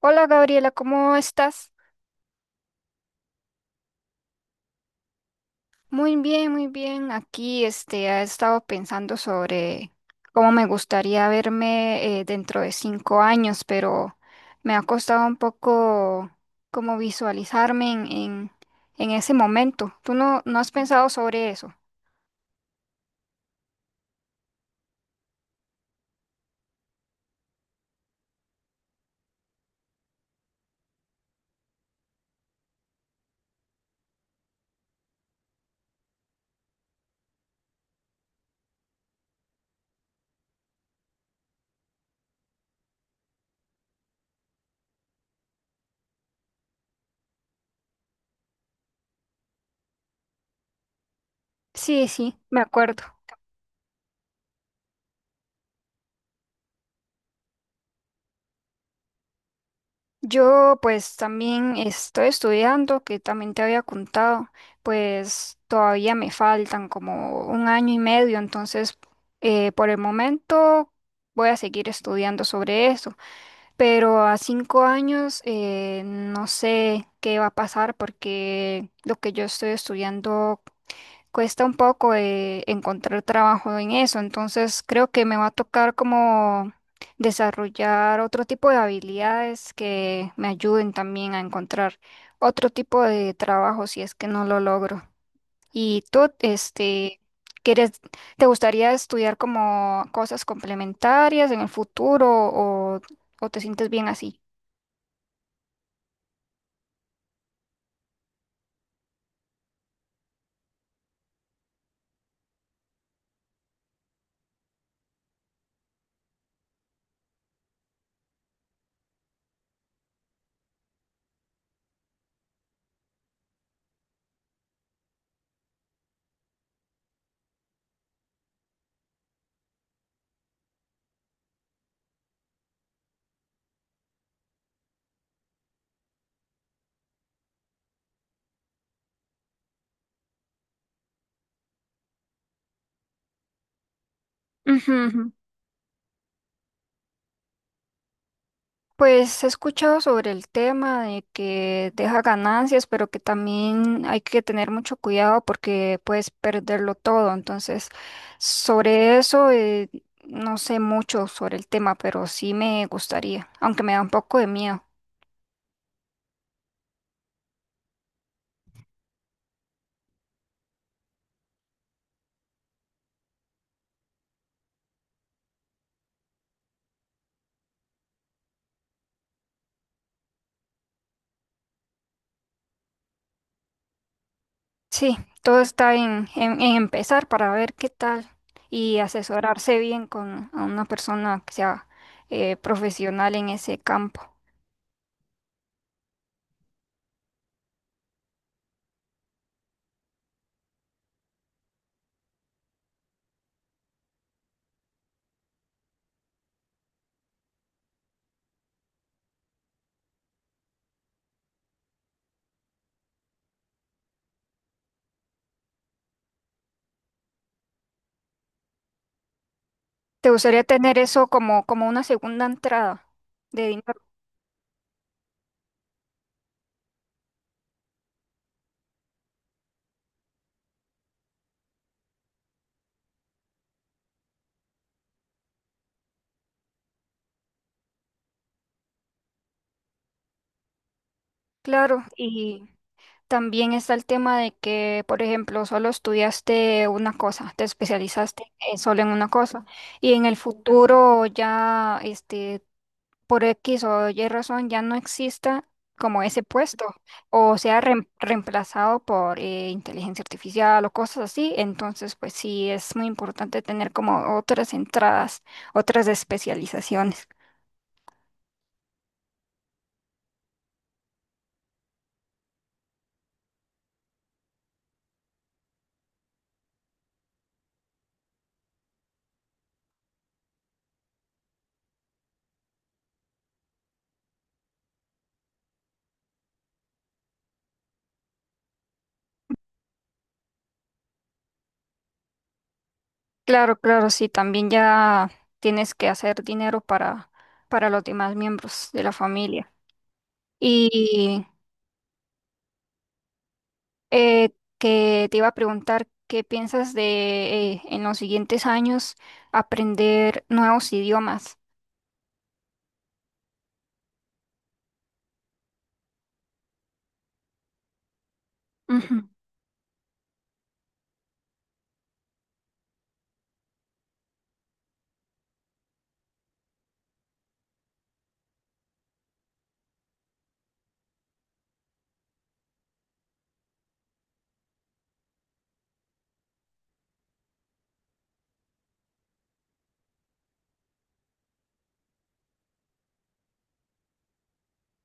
Hola Gabriela, ¿cómo estás? Muy bien, muy bien. Aquí he estado pensando sobre cómo me gustaría verme dentro de 5 años, pero me ha costado un poco como visualizarme en ese momento. ¿Tú no has pensado sobre eso? Sí, sí, me acuerdo. Yo pues también estoy estudiando, que también te había contado, pues todavía me faltan como 1 año y medio, entonces por el momento voy a seguir estudiando sobre eso, pero a 5 años no sé qué va a pasar porque lo que yo estoy estudiando cuesta un poco encontrar trabajo en eso, entonces creo que me va a tocar como desarrollar otro tipo de habilidades que me ayuden también a encontrar otro tipo de trabajo si es que no lo logro. ¿Y tú, quieres, te gustaría estudiar como cosas complementarias en el futuro o te sientes bien así? Ujú. Pues he escuchado sobre el tema de que deja ganancias, pero que también hay que tener mucho cuidado porque puedes perderlo todo. Entonces, sobre eso, no sé mucho sobre el tema, pero sí me gustaría, aunque me da un poco de miedo. Sí, todo está en empezar para ver qué tal y asesorarse bien con a una persona que sea profesional en ese campo. ¿Te gustaría tener eso como, como una segunda entrada de dinero? Claro, y también está el tema de que, por ejemplo, solo estudiaste una cosa, te especializaste solo en una cosa, y en el futuro ya, por X o Y razón, ya no exista como ese puesto, o sea, reemplazado por inteligencia artificial o cosas así, entonces, pues sí, es muy importante tener como otras entradas, otras especializaciones. Claro, claro, sí, también ya tienes que hacer dinero para los demás miembros de la familia. Y eh, que te iba a preguntar, ¿qué piensas de en los siguientes años aprender nuevos idiomas? Ujú.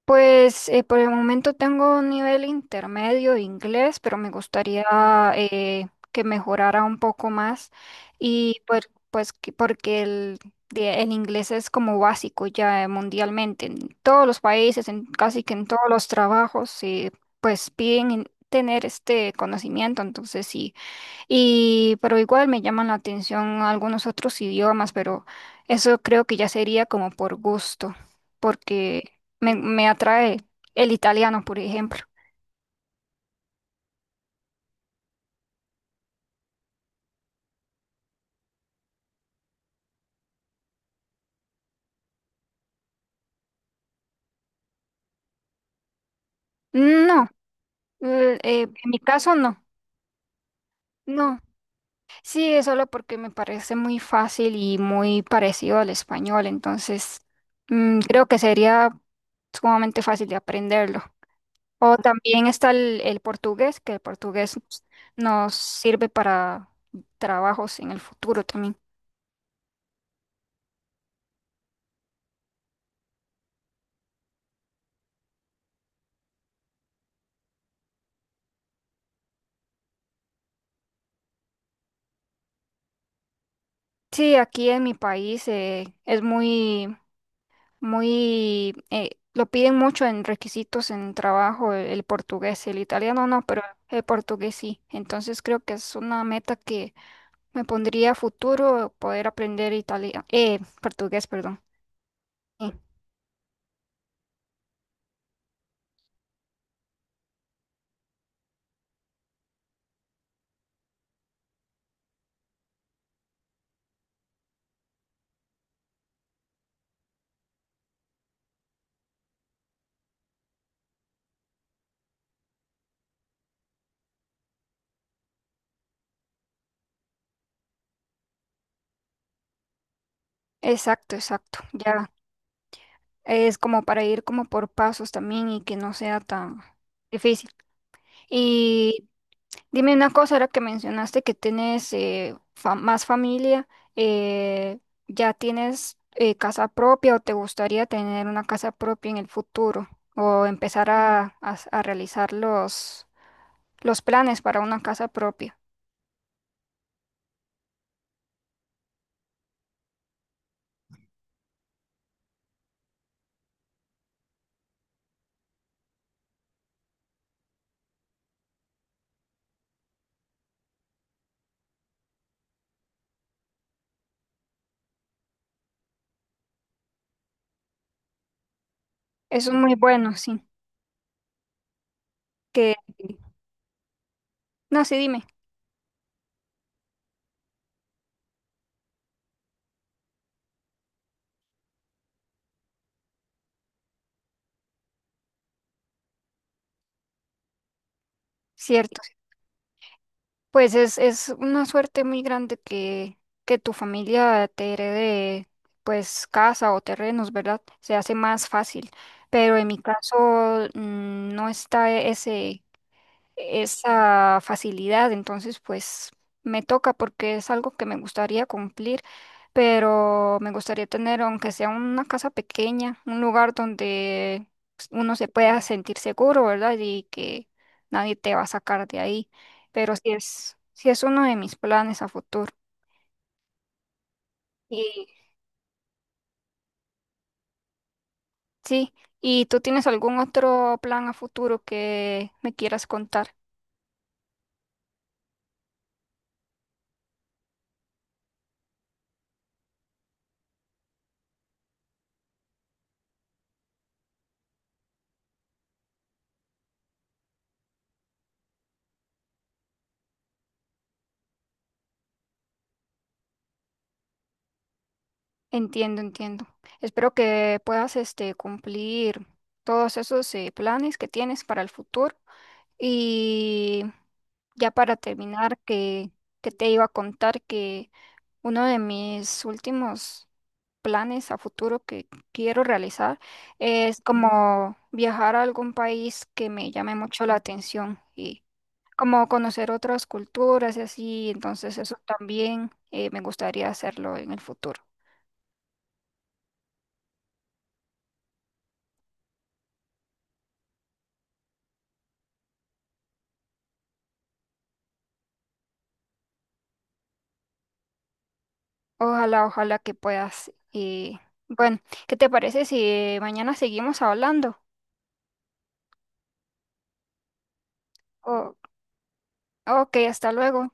Pues por el momento tengo un nivel intermedio de inglés, pero me gustaría que mejorara un poco más y pues, porque el inglés es como básico ya mundialmente, en todos los países, en casi que en todos los trabajos, pues tener este conocimiento, entonces sí. Y, pero igual me llaman la atención algunos otros idiomas, pero eso creo que ya sería como por gusto, porque me atrae el italiano, por ejemplo. No, en mi caso no, no. Sí, es solo porque me parece muy fácil y muy parecido al español, entonces mm, creo que sería sumamente fácil de aprenderlo. O también está el portugués, que el portugués nos sirve para trabajos en el futuro también. Sí, aquí en mi país es muy, muy, lo piden mucho en requisitos en trabajo el portugués, el italiano no, pero el portugués sí. Entonces creo que es una meta que me pondría a futuro poder aprender italiano, portugués, perdón. Sí, exacto, exacto. Ya. Es como para ir como por pasos también y que no sea tan difícil. Y dime una cosa, ahora que mencionaste que tienes más familia, eh, ¿ya tienes casa propia o te gustaría tener una casa propia en el futuro o empezar a, a realizar los planes para una casa propia? Eso es muy bueno, sí. Que, no, sí, dime, ¿cierto? Pues es una suerte muy grande que tu familia te herede pues casa o terrenos, ¿verdad? Se hace más fácil. Pero en mi caso mm, no está ese, esa facilidad, entonces pues me toca porque es algo que me gustaría cumplir, pero me gustaría tener, aunque sea una casa pequeña, un lugar donde pues, uno se pueda sentir seguro, ¿verdad? Y que nadie te va a sacar de ahí, pero sí es uno de mis planes a futuro. Y sí, ¿y tú tienes algún otro plan a futuro que me quieras contar? Entiendo, entiendo. Espero que puedas, cumplir todos esos planes que tienes para el futuro. Y ya para terminar, que te iba a contar que uno de mis últimos planes a futuro que quiero realizar es como viajar a algún país que me llame mucho la atención y como conocer otras culturas y así. Entonces eso también me gustaría hacerlo en el futuro. Ojalá, ojalá que puedas. Y bueno, ¿qué te parece si mañana seguimos hablando? O- ok, hasta luego.